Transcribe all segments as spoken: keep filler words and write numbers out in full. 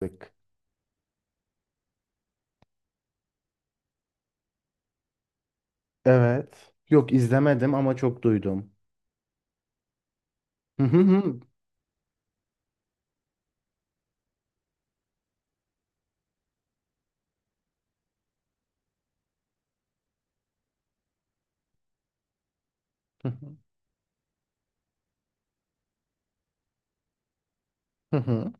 Bak. Evet. Yok izlemedim ama çok duydum. Hı hı hı. Hı hı. Hı.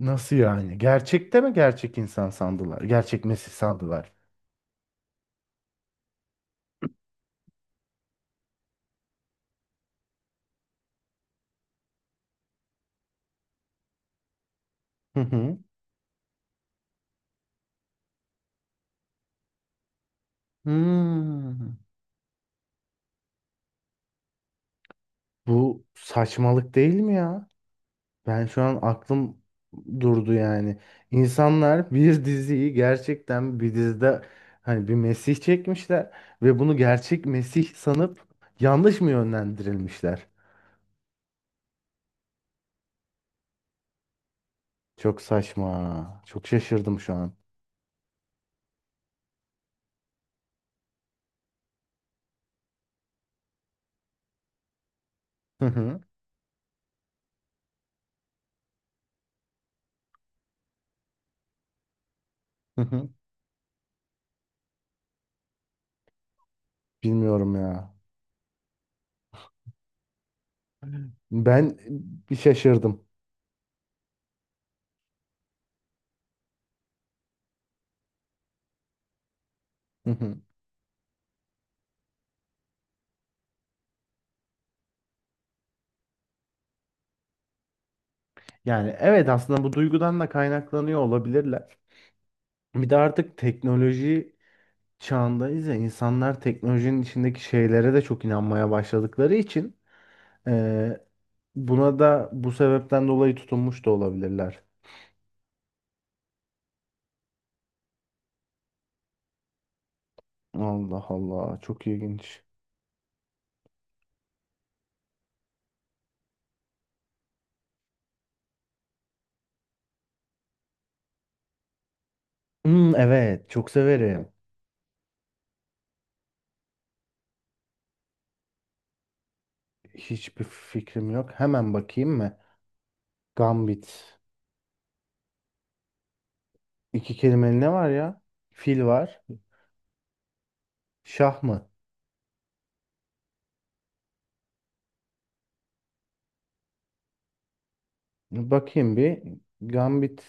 Nasıl yani? Gerçekte mi gerçek insan sandılar? Gerçek Mesih sandılar. Hı hı. Hmm. Bu saçmalık değil mi ya? Ben şu an aklım durdu yani. İnsanlar bir diziyi gerçekten bir dizide hani bir Mesih çekmişler ve bunu gerçek Mesih sanıp yanlış mı yönlendirilmişler? Çok saçma. Çok şaşırdım şu an. Hı hı. Bilmiyorum ya. Ben bir şaşırdım. Hı hı. Yani evet aslında bu duygudan da kaynaklanıyor olabilirler. Bir de artık teknoloji çağındayız ya, insanlar teknolojinin içindeki şeylere de çok inanmaya başladıkları için e, buna da bu sebepten dolayı tutunmuş da olabilirler. Allah Allah, çok ilginç. Hmm, evet çok severim. Hiçbir fikrim yok. Hemen bakayım mı? Gambit. İki kelimeli ne var ya? Fil var. Şah mı? Bakayım bir. Gambit.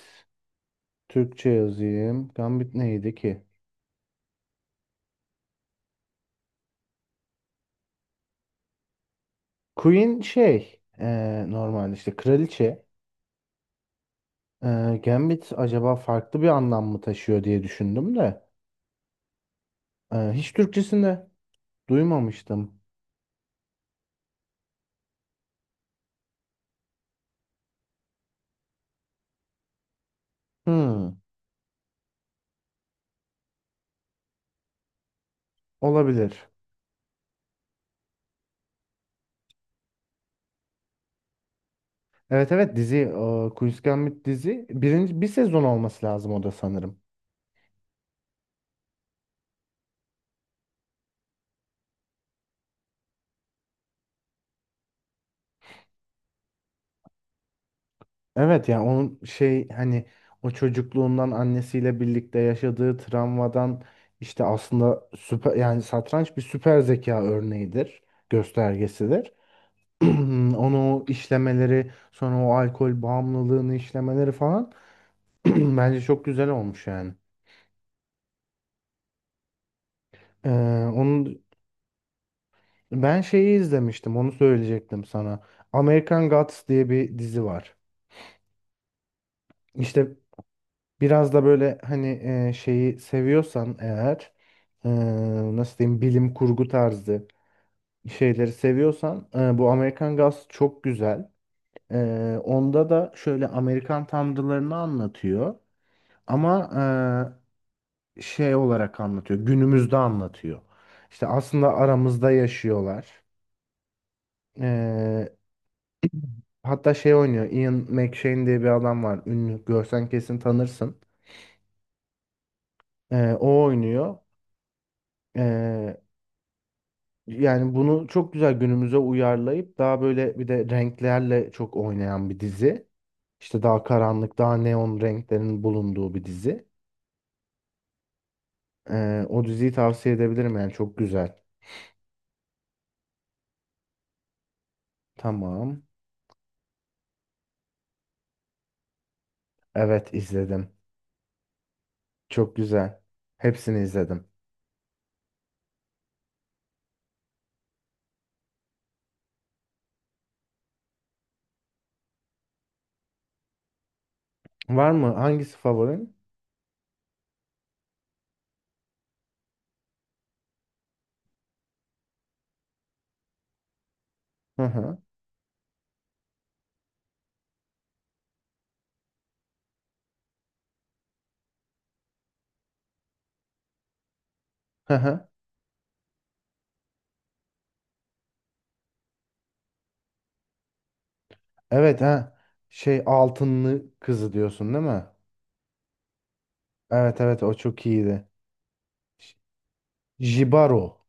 Türkçe yazayım. Gambit neydi ki? Queen şey eee normalde işte kraliçe. Eee, Gambit acaba farklı bir anlam mı taşıyor diye düşündüm de. eee, hiç Türkçesinde duymamıştım. Hmm, olabilir. Evet evet, dizi, eee, Queen's Gambit dizi, birinci bir sezon olması lazım o da sanırım. Evet yani onun şey hani o çocukluğundan annesiyle birlikte yaşadığı travmadan işte, aslında süper yani, satranç bir süper zeka örneğidir, göstergesidir. Onu o işlemeleri, sonra o alkol bağımlılığını işlemeleri falan, bence çok güzel olmuş yani. Ee, onun ben şeyi izlemiştim, onu söyleyecektim sana. American Gods diye bir dizi var. İşte, biraz da böyle hani e, şeyi seviyorsan eğer e, nasıl diyeyim, bilim kurgu tarzı şeyleri seviyorsan e, bu Amerikan Gods çok güzel. E, onda da şöyle Amerikan tanrılarını anlatıyor ama e, şey olarak anlatıyor, günümüzde anlatıyor. İşte aslında aramızda yaşıyorlar. E, hatta şey oynuyor, Ian McShane diye bir adam var, ünlü, görsen kesin tanırsın. E, o oynuyor. E, Yani bunu çok güzel günümüze uyarlayıp, daha böyle bir de renklerle çok oynayan bir dizi. İşte daha karanlık, daha neon renklerin bulunduğu bir dizi. Ee, o diziyi tavsiye edebilirim, yani çok güzel. Tamam. Evet, izledim. Çok güzel. Hepsini izledim. Var mı? Hangisi favorin? Hı hı. Hı hı. Evet ha. Şey Altınlı Kızı diyorsun değil mi? Evet evet, o çok iyiydi. J- Jibaro.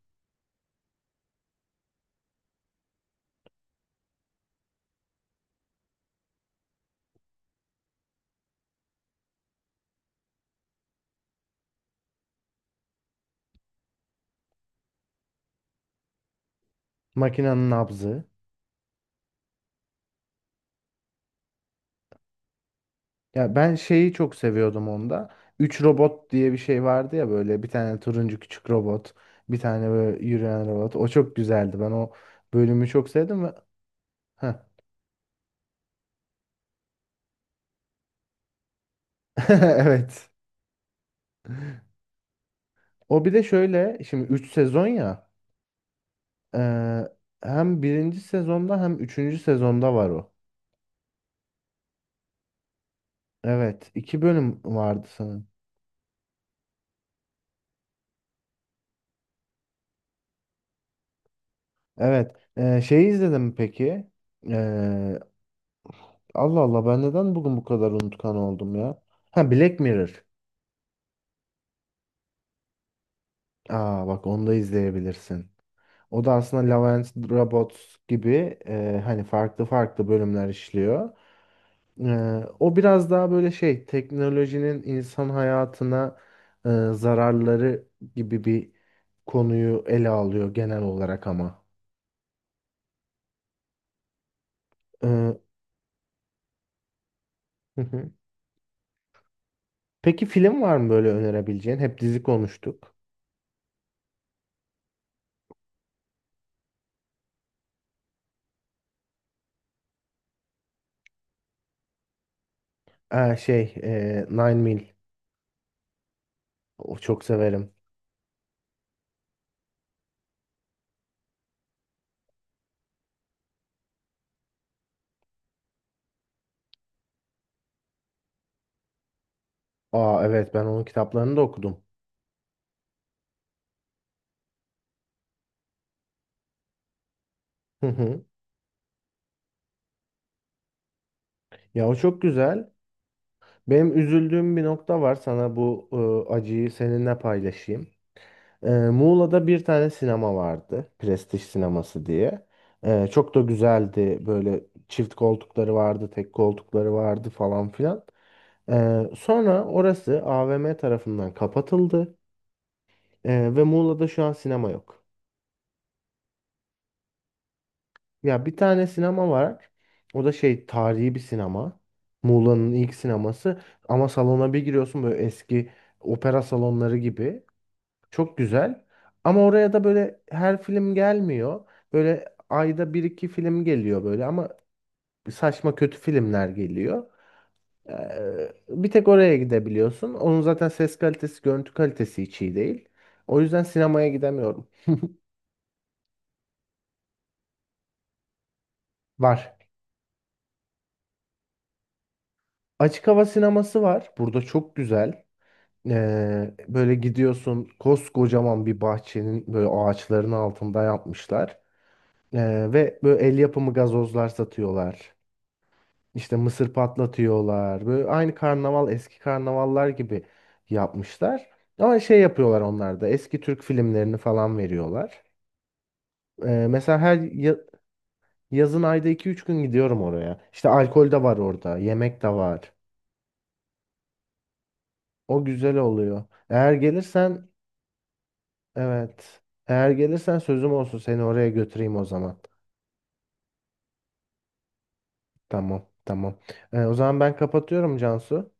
Makinenin nabzı. Ya ben şeyi çok seviyordum onda. Üç robot diye bir şey vardı ya, böyle bir tane turuncu küçük robot, bir tane böyle yürüyen robot. O çok güzeldi. Ben o bölümü çok sevdim ve heh. Evet. O bir de şöyle, şimdi üç sezon ya. eee, hem birinci sezonda hem üçüncü sezonda var o. Evet. iki bölüm vardı sanırım. Evet. Eee şeyi izledim mi peki. Eee, Allah Allah, ben neden bugün bu kadar unutkan oldum ya? Ha, Black Mirror. Aa, bak onu da izleyebilirsin. O da aslında Love and Robots gibi e, hani farklı farklı bölümler işliyor. E, o biraz daha böyle şey, teknolojinin insan hayatına e, zararları gibi bir konuyu ele alıyor genel olarak ama. E, hı hı. Peki film var mı böyle önerebileceğin? Hep dizi konuştuk. Ee, şey e, Nine Mil. O çok severim. Aa evet, ben onun kitaplarını da okudum. Hı hı. Ya o çok güzel. Benim üzüldüğüm bir nokta var. Sana bu e, acıyı seninle paylaşayım. E, Muğla'da bir tane sinema vardı. Prestij sineması diye. E, çok da güzeldi. Böyle çift koltukları vardı, tek koltukları vardı falan filan. E, sonra orası A V M tarafından kapatıldı. E, ve Muğla'da şu an sinema yok. Ya bir tane sinema var. O da şey, tarihi bir sinema. Muğla'nın ilk sineması. Ama salona bir giriyorsun böyle, eski opera salonları gibi. Çok güzel. Ama oraya da böyle her film gelmiyor. Böyle ayda bir iki film geliyor böyle ama saçma kötü filmler geliyor. Ee, bir tek oraya gidebiliyorsun. Onun zaten ses kalitesi, görüntü kalitesi hiç iyi değil. O yüzden sinemaya gidemiyorum. Var. Açık hava sineması var. Burada çok güzel. Ee, böyle gidiyorsun, koskocaman bir bahçenin böyle ağaçların altında yapmışlar. Ee, ve böyle el yapımı gazozlar satıyorlar. İşte mısır patlatıyorlar. Böyle aynı karnaval, eski karnavallar gibi yapmışlar. Ama şey yapıyorlar onlar da. Eski Türk filmlerini falan veriyorlar. Ee, mesela her ya- yazın ayda iki üç gün gidiyorum oraya. İşte alkol de var orada, yemek de var. O güzel oluyor. Eğer gelirsen, evet. Eğer gelirsen sözüm olsun, seni oraya götüreyim o zaman. Tamam, tamam. Ee, o zaman ben kapatıyorum Cansu.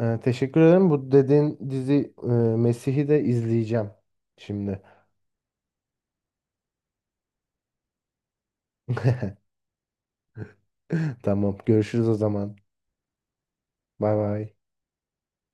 Ee, teşekkür ederim. Bu dediğin dizi e, Mesih'i de izleyeceğim şimdi. Tamam. Görüşürüz o zaman. Bay bay.